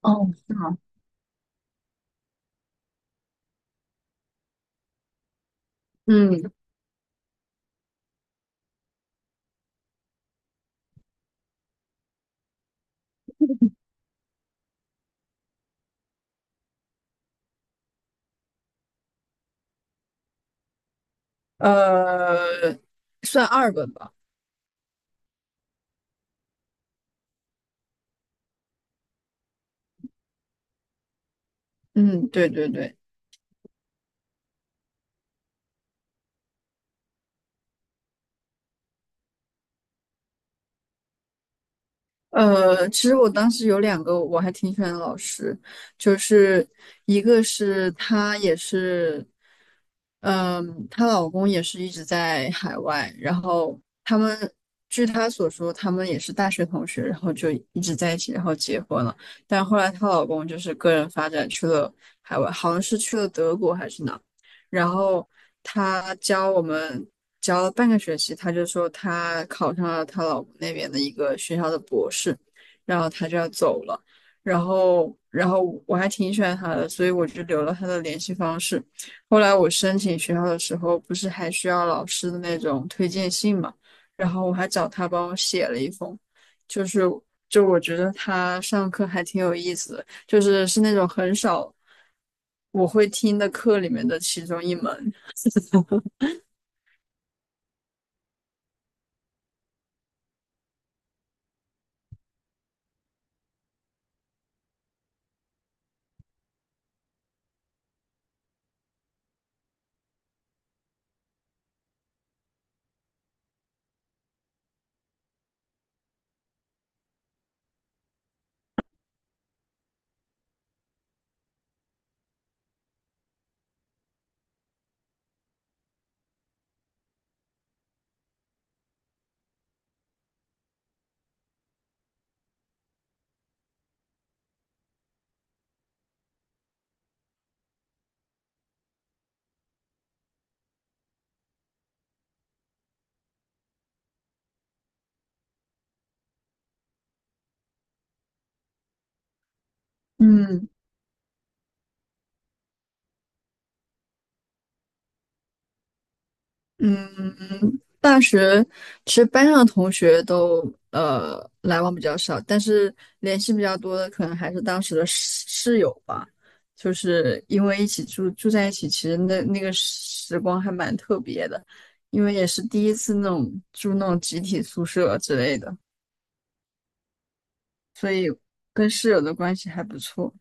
哦，是吗？嗯。 呃，算二本吧。嗯，对对对。其实我当时有两个我还挺喜欢的老师，就是一个是她也是，她老公也是一直在海外，然后他们据她所说，他们也是大学同学，然后就一直在一起，然后结婚了。但后来她老公就是个人发展去了海外，好像是去了德国还是哪。然后他教我们教了半个学期，他就说他考上了他老公那边的一个学校的博士，然后他就要走了，然后我还挺喜欢他的，所以我就留了他的联系方式。后来我申请学校的时候，不是还需要老师的那种推荐信嘛，然后我还找他帮我写了一封，就是就我觉得他上课还挺有意思的。就是是那种很少我会听的课里面的其中一门。嗯嗯，大学其实班上的同学都来往比较少，但是联系比较多的可能还是当时的室友吧，就是因为一起住在一起，其实那个时光还蛮特别的。因为也是第一次那种住那种集体宿舍之类的，跟室友的关系还不错。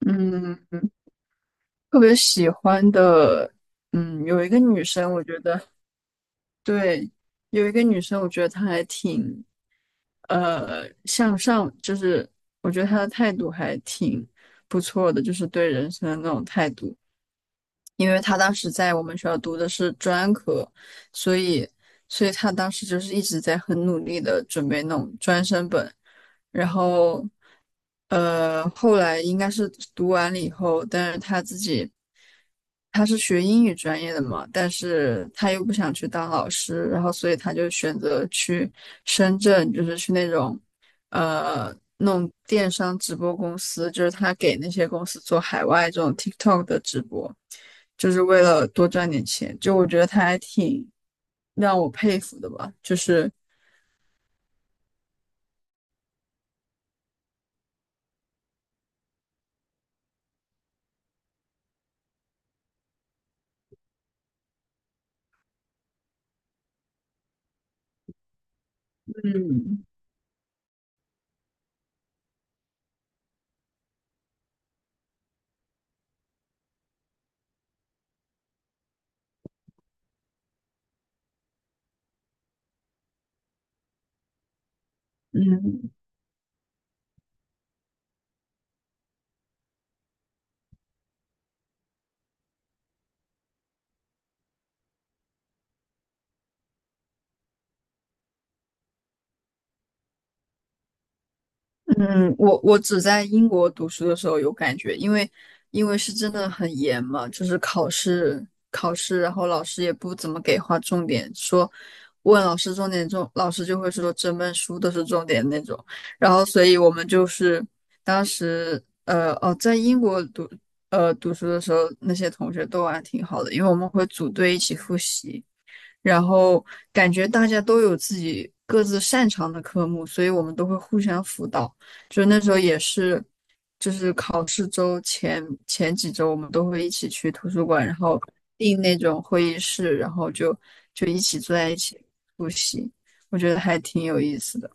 嗯，特别喜欢的，嗯，有一个女生，我觉得对，有一个女生，我觉得她还挺向上，就是我觉得她的态度还挺不错的，就是对人生的那种态度。因为他当时在我们学校读的是专科，所以所以他当时就是一直在很努力的准备那种专升本，然后后来应该是读完了以后，但是他自己他是学英语专业的嘛，但是他又不想去当老师，然后所以他就选择去深圳，就是去那种弄电商直播公司，就是他给那些公司做海外这种 TikTok 的直播，就是为了多赚点钱。就我觉得他还挺让我佩服的吧，就是嗯。嗯。嗯，我只在英国读书的时候有感觉，因为因为是真的很严嘛，就是考试，然后老师也不怎么给划重点，说问老师重点重，老师就会说整本书都是重点那种。然后，所以我们就是当时在英国读读书的时候，那些同学都玩挺好的，因为我们会组队一起复习。然后感觉大家都有自己各自擅长的科目，所以我们都会互相辅导。就那时候也是，就是考试周前几周，我们都会一起去图书馆，然后订那种会议室，然后就就一起坐在一起复习。我觉得还挺有意思的。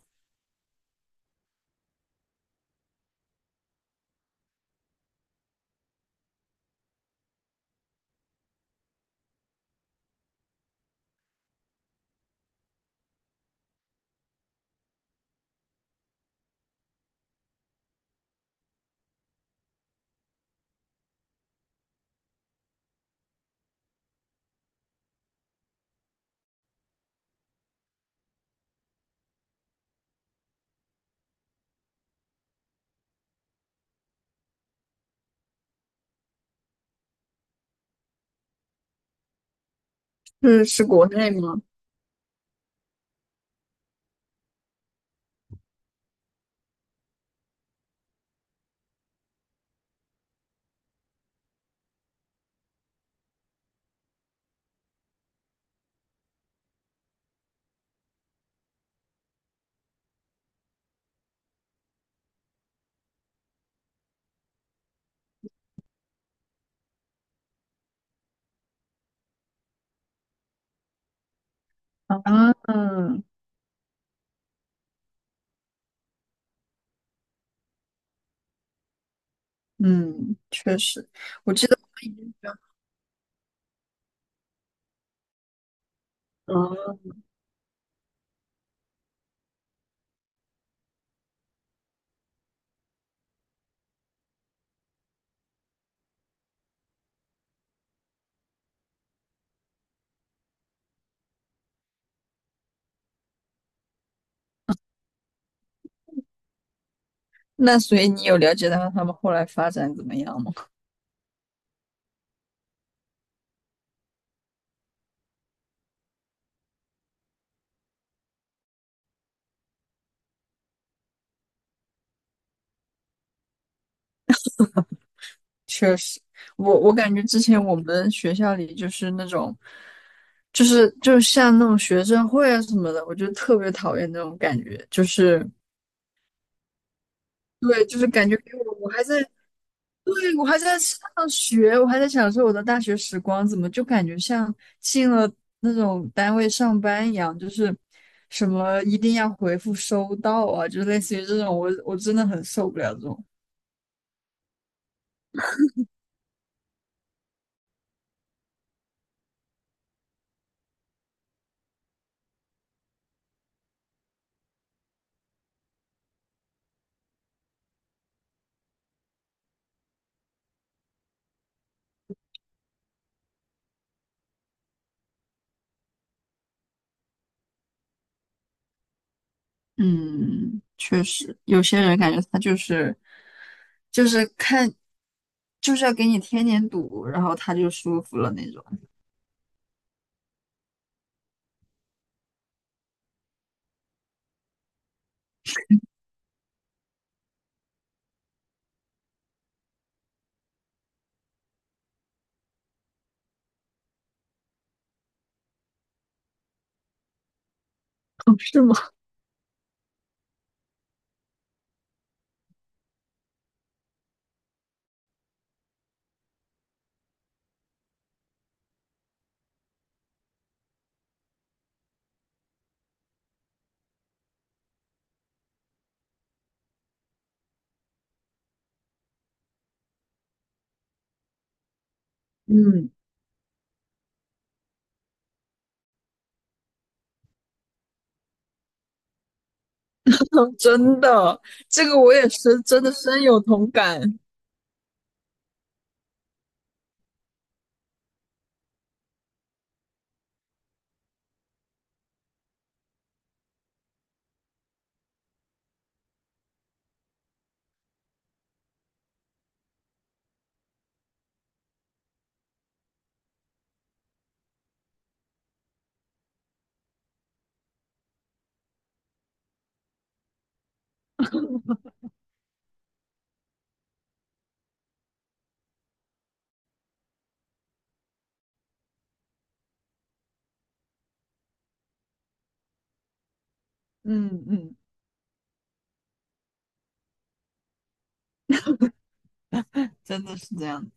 是是国内吗？啊。嗯，确实，我记得我们以前。嗯，那所以你有了解到他们后来发展怎么样吗？确实，我我感觉之前我们学校里就是那种，就是就像那种学生会啊什么的，我就特别讨厌那种感觉，就是对，就是感觉给我，我还在，对，我还在上学，我还在享受我的大学时光，怎么就感觉像进了那种单位上班一样，就是什么一定要回复收到啊，就类似于这种，我我真的很受不了这种。嗯，确实，有些人感觉他就是就是看就是要给你添点堵，然后他就舒服了那种。是吗？嗯。真的，这个我也是真的深有同感。嗯嗯，真的是这样。